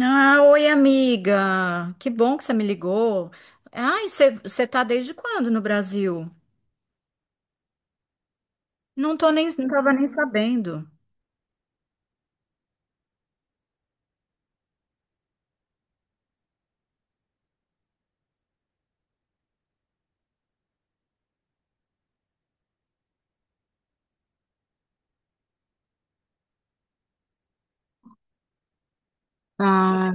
Ah, oi, amiga. Que bom que você me ligou. Ai, você tá desde quando no Brasil? Não tava nem sabendo. Ah,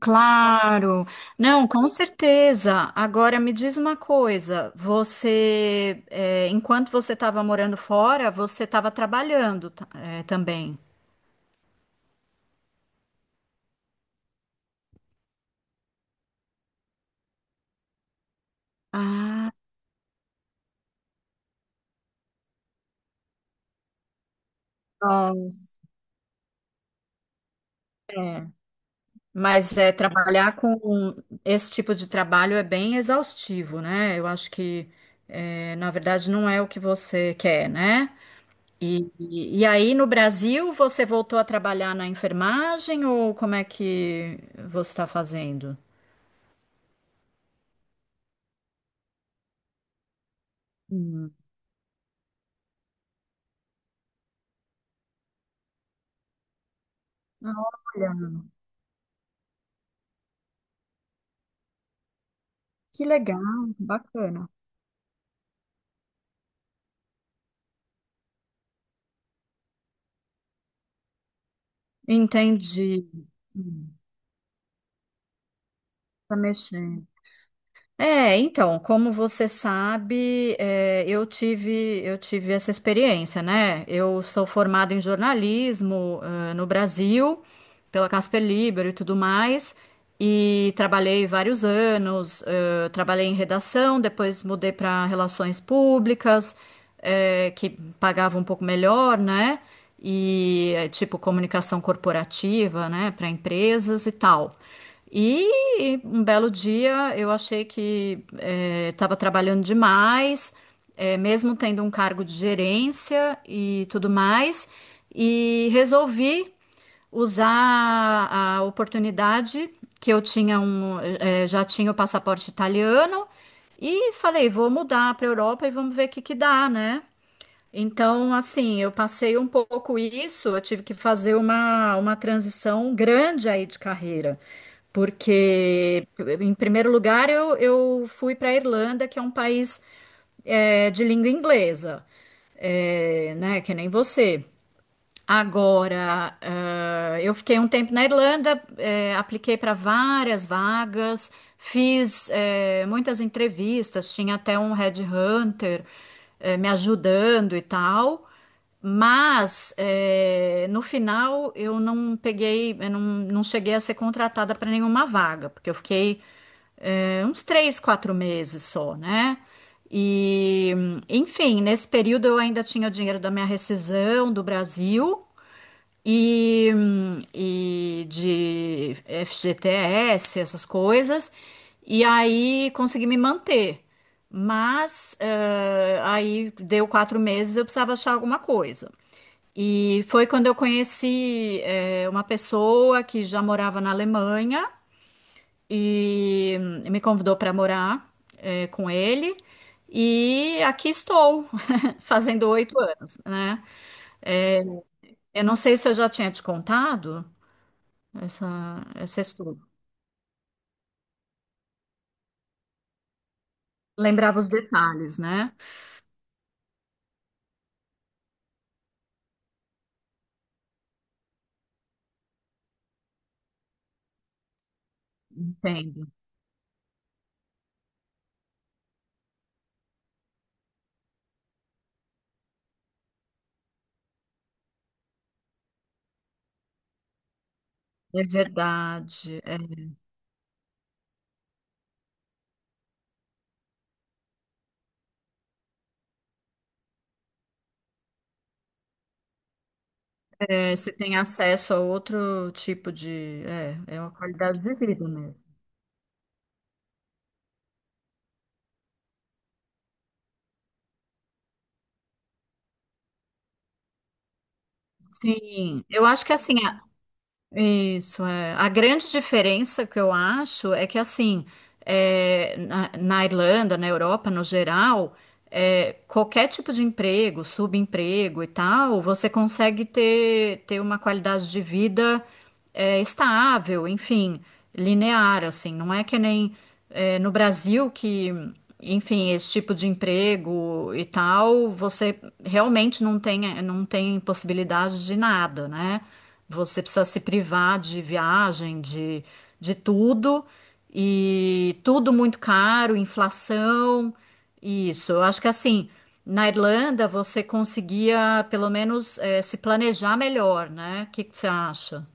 claro. Não, com certeza. Agora me diz uma coisa. Você, enquanto você estava morando fora, você estava trabalhando, também. Ah, nossa. É. Mas trabalhar com esse tipo de trabalho é bem exaustivo, né? Eu acho que, na verdade, não é o que você quer, né? E aí, no Brasil, você voltou a trabalhar na enfermagem ou como é que você está fazendo? Hum, olha, que legal, bacana. Entendi. Hum, tá mexendo. É, então, como você sabe, eu tive essa experiência, né? Eu sou formada em jornalismo, no Brasil, pela Casper Libero e tudo mais, e trabalhei vários anos, trabalhei em redação, depois mudei para relações públicas, que pagava um pouco melhor, né? E, tipo, comunicação corporativa, né, para empresas e tal. E um belo dia eu achei que estava trabalhando demais, mesmo tendo um cargo de gerência e tudo mais, e resolvi usar a oportunidade que eu tinha um, eh, já tinha o passaporte italiano e falei, vou mudar para a Europa e vamos ver o que que dá, né? Então, assim, eu passei um pouco isso, eu tive que fazer uma transição grande aí de carreira, porque, em primeiro lugar, eu fui para a Irlanda, que é um país de língua inglesa, né, que nem você. Agora, eu fiquei um tempo na Irlanda, apliquei para várias vagas, fiz, muitas entrevistas, tinha até um headhunter, me ajudando e tal, mas, no final eu não peguei, eu não, não cheguei a ser contratada para nenhuma vaga, porque eu fiquei, uns 3, 4 meses só, né? E, enfim, nesse período eu ainda tinha o dinheiro da minha rescisão do Brasil e, e de FGTS, essas coisas. E aí consegui me manter. Mas aí deu 4 meses, eu precisava achar alguma coisa. E foi quando eu conheci uma pessoa que já morava na Alemanha e me convidou para morar com ele. E aqui estou, fazendo 8 anos, né? Eh, eu não sei se eu já tinha te contado essa, essa história. Lembrava os detalhes, né? Entendo. É verdade. É, você tem acesso a outro tipo de. É uma qualidade de vida mesmo. Sim, eu acho que assim, isso é. A grande diferença que eu acho é que assim, na Irlanda, na Europa no geral, qualquer tipo de emprego, subemprego e tal, você consegue ter uma qualidade de vida estável, enfim, linear, assim. Não é que nem no Brasil que, enfim, esse tipo de emprego e tal, você realmente não tem possibilidade de nada, né? Você precisa se privar de viagem, de tudo, e tudo muito caro, inflação. Isso, eu acho que assim, na Irlanda você conseguia pelo menos se planejar melhor, né? O que que você acha?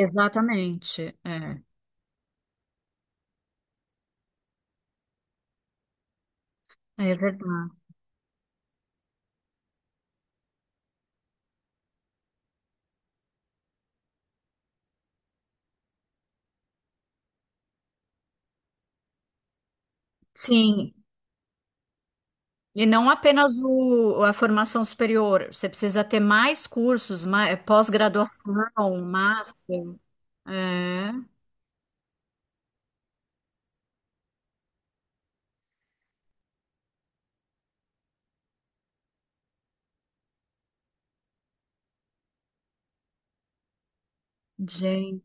Exatamente, é verdade. Sim, e não apenas o, a formação superior, você precisa ter mais cursos, mais, pós-graduação, master. É, gente,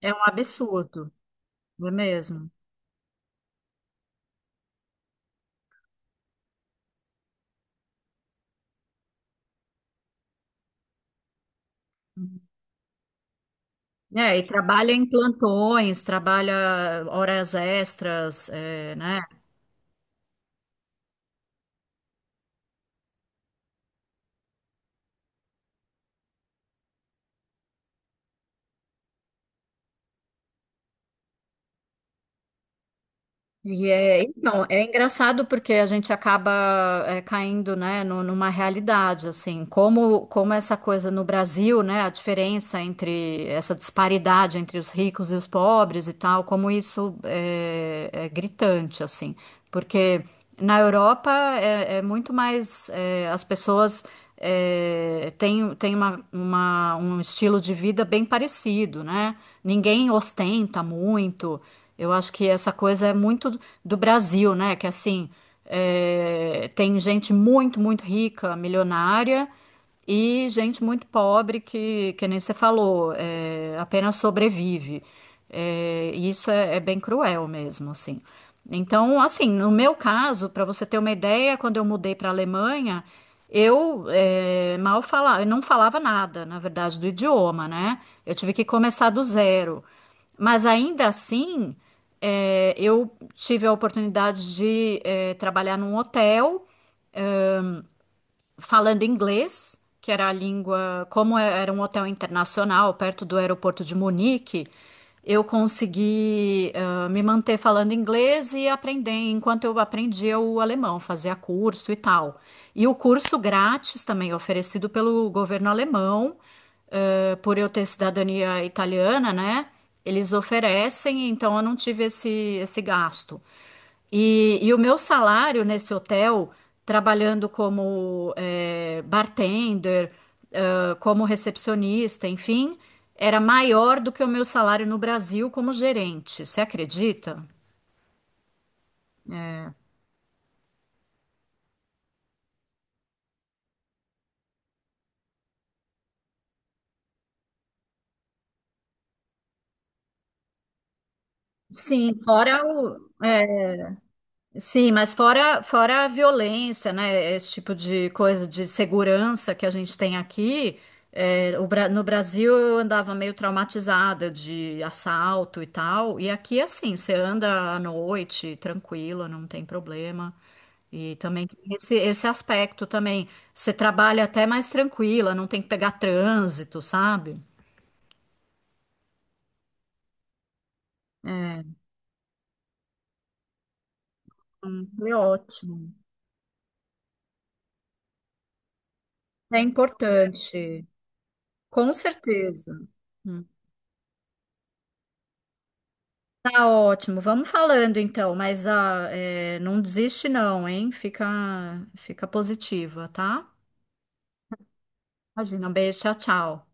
é um absurdo, não é mesmo? É, e trabalha em plantões, trabalha horas extras, é, né? E então, é engraçado porque a gente acaba caindo, né, numa realidade, assim, como essa coisa no Brasil, né, a diferença entre essa disparidade entre os ricos e os pobres e tal, como isso é gritante, assim, porque na Europa é muito mais, as pessoas têm um estilo de vida bem parecido, né, ninguém ostenta muito, eu acho que essa coisa é muito do Brasil, né? Que assim, tem gente muito, muito rica, milionária, e gente muito pobre que nem você falou, apenas sobrevive. É, e isso é bem cruel mesmo, assim. Então, assim, no meu caso, para você ter uma ideia, quando eu mudei para a Alemanha, eu mal falava, eu não falava nada, na verdade, do idioma, né? Eu tive que começar do zero. Mas ainda assim, eu tive a oportunidade de trabalhar num hotel falando inglês, que era a língua, como é, era um hotel internacional perto do aeroporto de Munique, eu consegui me manter falando inglês e aprender, enquanto eu aprendia o alemão, fazia curso e tal. E o curso grátis também oferecido pelo governo alemão, por eu ter cidadania italiana, né? Eles oferecem, então eu não tive esse, esse gasto. E o meu salário nesse hotel, trabalhando como bartender, como recepcionista, enfim, era maior do que o meu salário no Brasil como gerente. Você acredita? Sim, fora o, é, Sim, mas fora a violência, né? Esse tipo de coisa de segurança que a gente tem aqui. No Brasil eu andava meio traumatizada de assalto e tal. E aqui, é assim, você anda à noite, tranquila, não tem problema. E também tem esse aspecto também. Você trabalha até mais tranquila, não tem que pegar trânsito, sabe? É, é ótimo. É importante, com certeza. Hum. Tá ótimo, vamos falando então, mas não desiste não, hein? Fica positiva, tá? Imagina, um beijo, tchau, tchau.